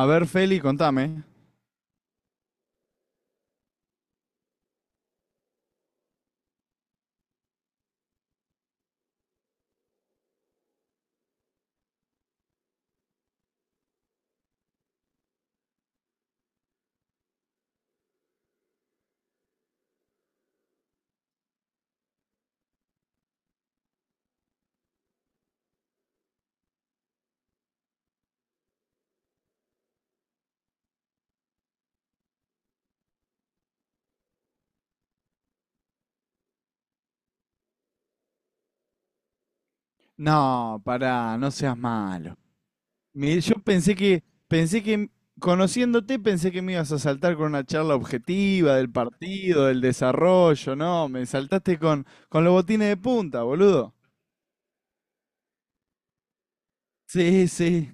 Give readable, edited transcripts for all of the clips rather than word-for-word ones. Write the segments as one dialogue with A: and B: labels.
A: A ver, Feli, contame. No, pará, no seas malo. Yo pensé que, conociéndote, pensé que me ibas a saltar con una charla objetiva del partido, del desarrollo, ¿no? Me saltaste con los botines de punta, boludo. Sí, sí.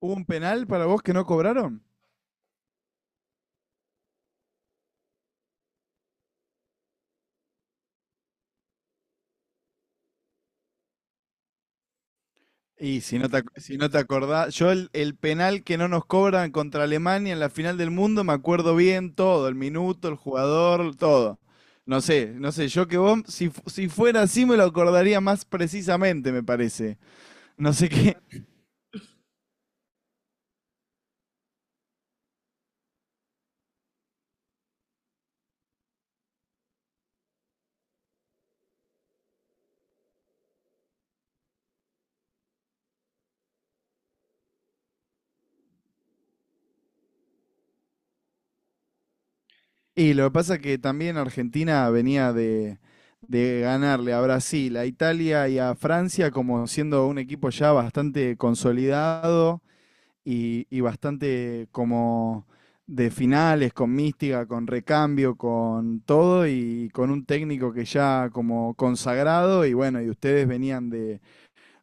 A: ¿Hubo un penal para vos que no cobraron? Y si no si no te acordás, yo el penal que no nos cobran contra Alemania en la final del mundo, me acuerdo bien todo, el minuto, el jugador, todo. No sé, no sé, yo que vos, si fuera así me lo acordaría más precisamente, me parece. No sé qué. Y lo que pasa es que también Argentina venía de ganarle a Brasil, a Italia y a Francia como siendo un equipo ya bastante consolidado y bastante como de finales, con mística, con recambio, con todo y con un técnico que ya como consagrado y bueno, y ustedes venían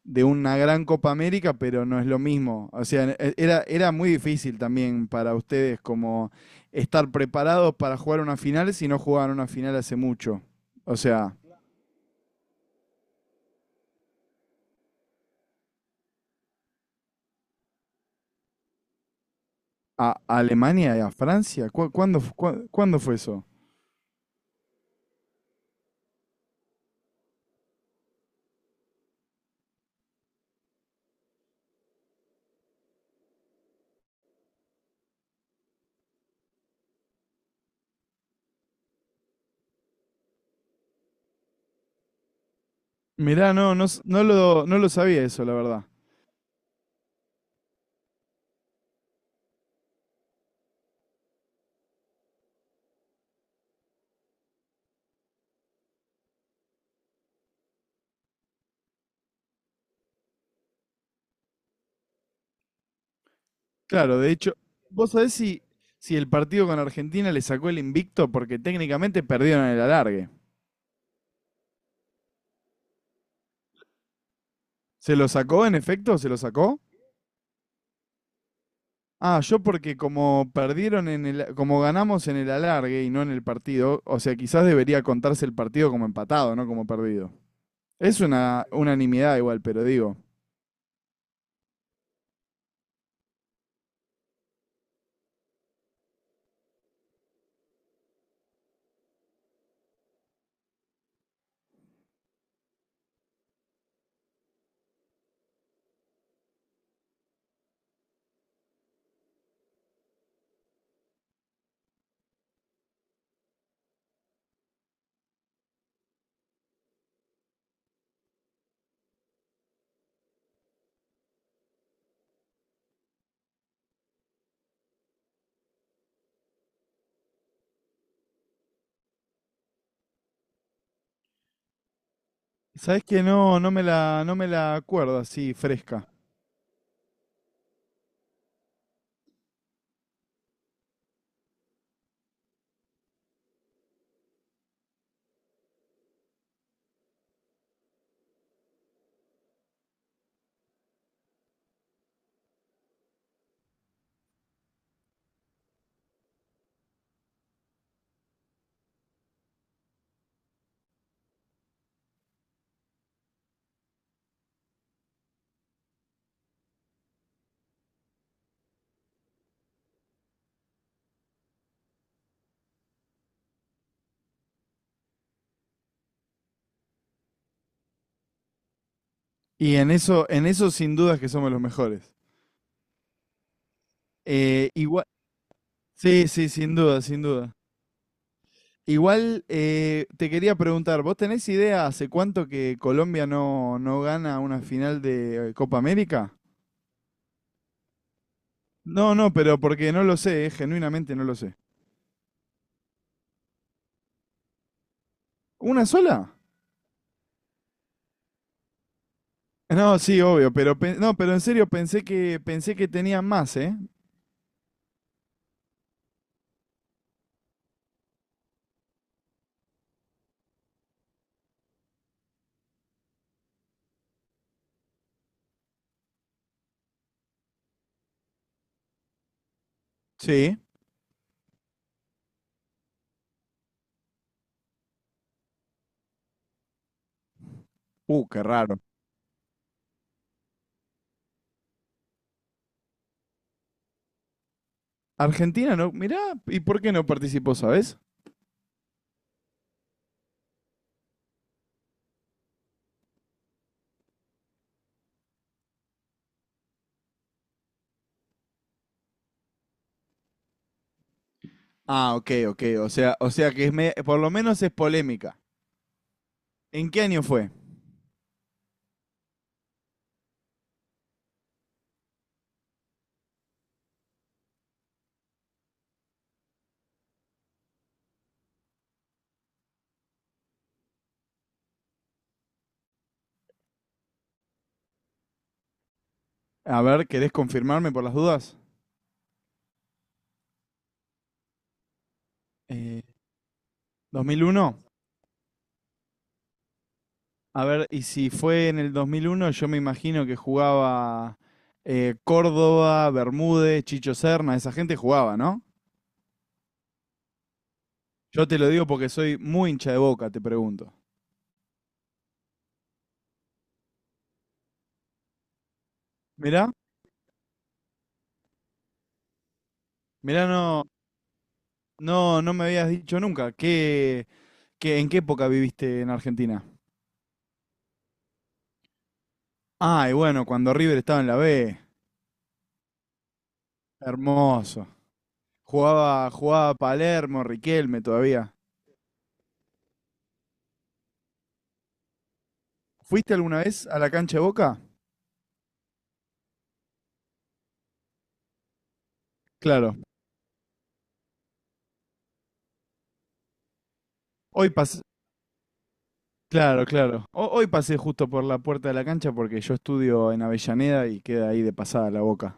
A: de una gran Copa América, pero no es lo mismo. O sea, era, era muy difícil también para ustedes como estar preparados para jugar una final si no jugaban una final hace mucho. O sea, a Alemania y a Francia, ¿cuándo fue eso? Mirá, no, no, no lo sabía eso, la verdad. Claro, de hecho, ¿vos sabés si, si el partido con Argentina le sacó el invicto? Porque técnicamente perdieron el alargue. ¿Se lo sacó en efecto? ¿Se lo sacó? Ah, yo porque como perdieron en el, como ganamos en el alargue y no en el partido, o sea, quizás debería contarse el partido como empatado, no como perdido. Es una unanimidad igual, pero digo, ¿sabés que no, no me la acuerdo así fresca? Y en eso sin dudas que somos los mejores. Igual, sí, sí, sin duda, sin duda. Igual te quería preguntar, ¿vos tenés idea hace cuánto que Colombia no, no gana una final de Copa América? No, no, pero porque no lo sé, genuinamente no lo sé. ¿Una sola? No, sí, obvio, pero no, pero en serio pensé que tenían más, ¿eh? Sí. Qué raro. Argentina no, mirá, ¿y por qué no participó, sabes? Ah, ok, ok, o sea que es por lo menos es polémica. ¿En qué año fue? A ver, ¿querés confirmarme por las dudas? Eh, ¿2001? A ver, y si fue en el 2001, yo me imagino que jugaba Córdoba, Bermúdez, Chicho Serna, esa gente jugaba, ¿no? Yo te lo digo porque soy muy hincha de Boca, te pregunto. Mirá, mirá, no, no, no me habías dicho nunca. ¿Qué, en qué época viviste en Argentina? Ah, y bueno, cuando River estaba en la B. Hermoso. Jugaba, jugaba Palermo, Riquelme todavía. ¿Fuiste alguna vez a la cancha de Boca? Claro. Hoy, pas- Claro, claro. Hoy pasé justo por la puerta de la cancha porque yo estudio en Avellaneda y queda ahí de pasada la Boca.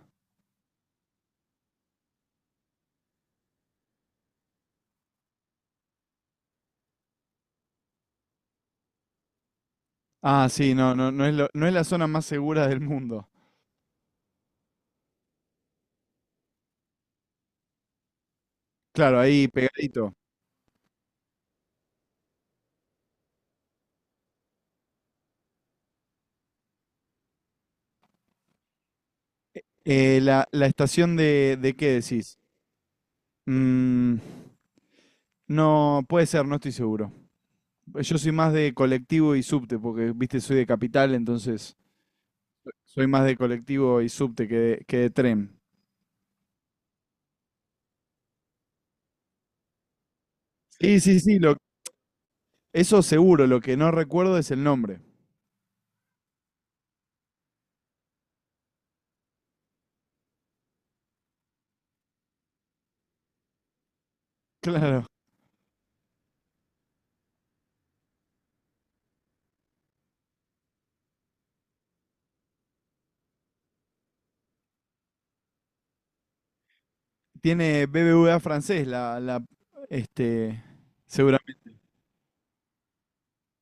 A: Ah, sí, no, no, no es la zona más segura del mundo. Claro, ahí pegadito. La estación ¿de qué decís? Mm, no, puede ser, no estoy seguro. Pues yo soy más de colectivo y subte, porque, viste, soy de capital, entonces soy más de colectivo y subte que que de tren. Sí, sí, sí, eso seguro, lo que no recuerdo es el nombre. Claro. Tiene BBVA francés, este, seguramente.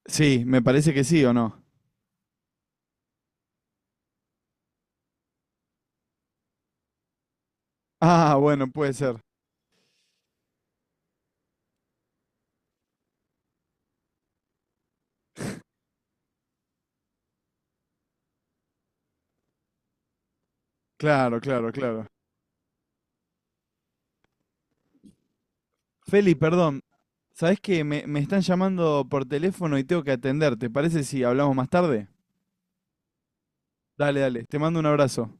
A: Sí, me parece que sí o no. Ah, bueno, puede ser. Claro, claro, claro. Feli, perdón, ¿sabés que me están llamando por teléfono y tengo que atender? ¿Te parece si hablamos más tarde? Dale, dale, te mando un abrazo.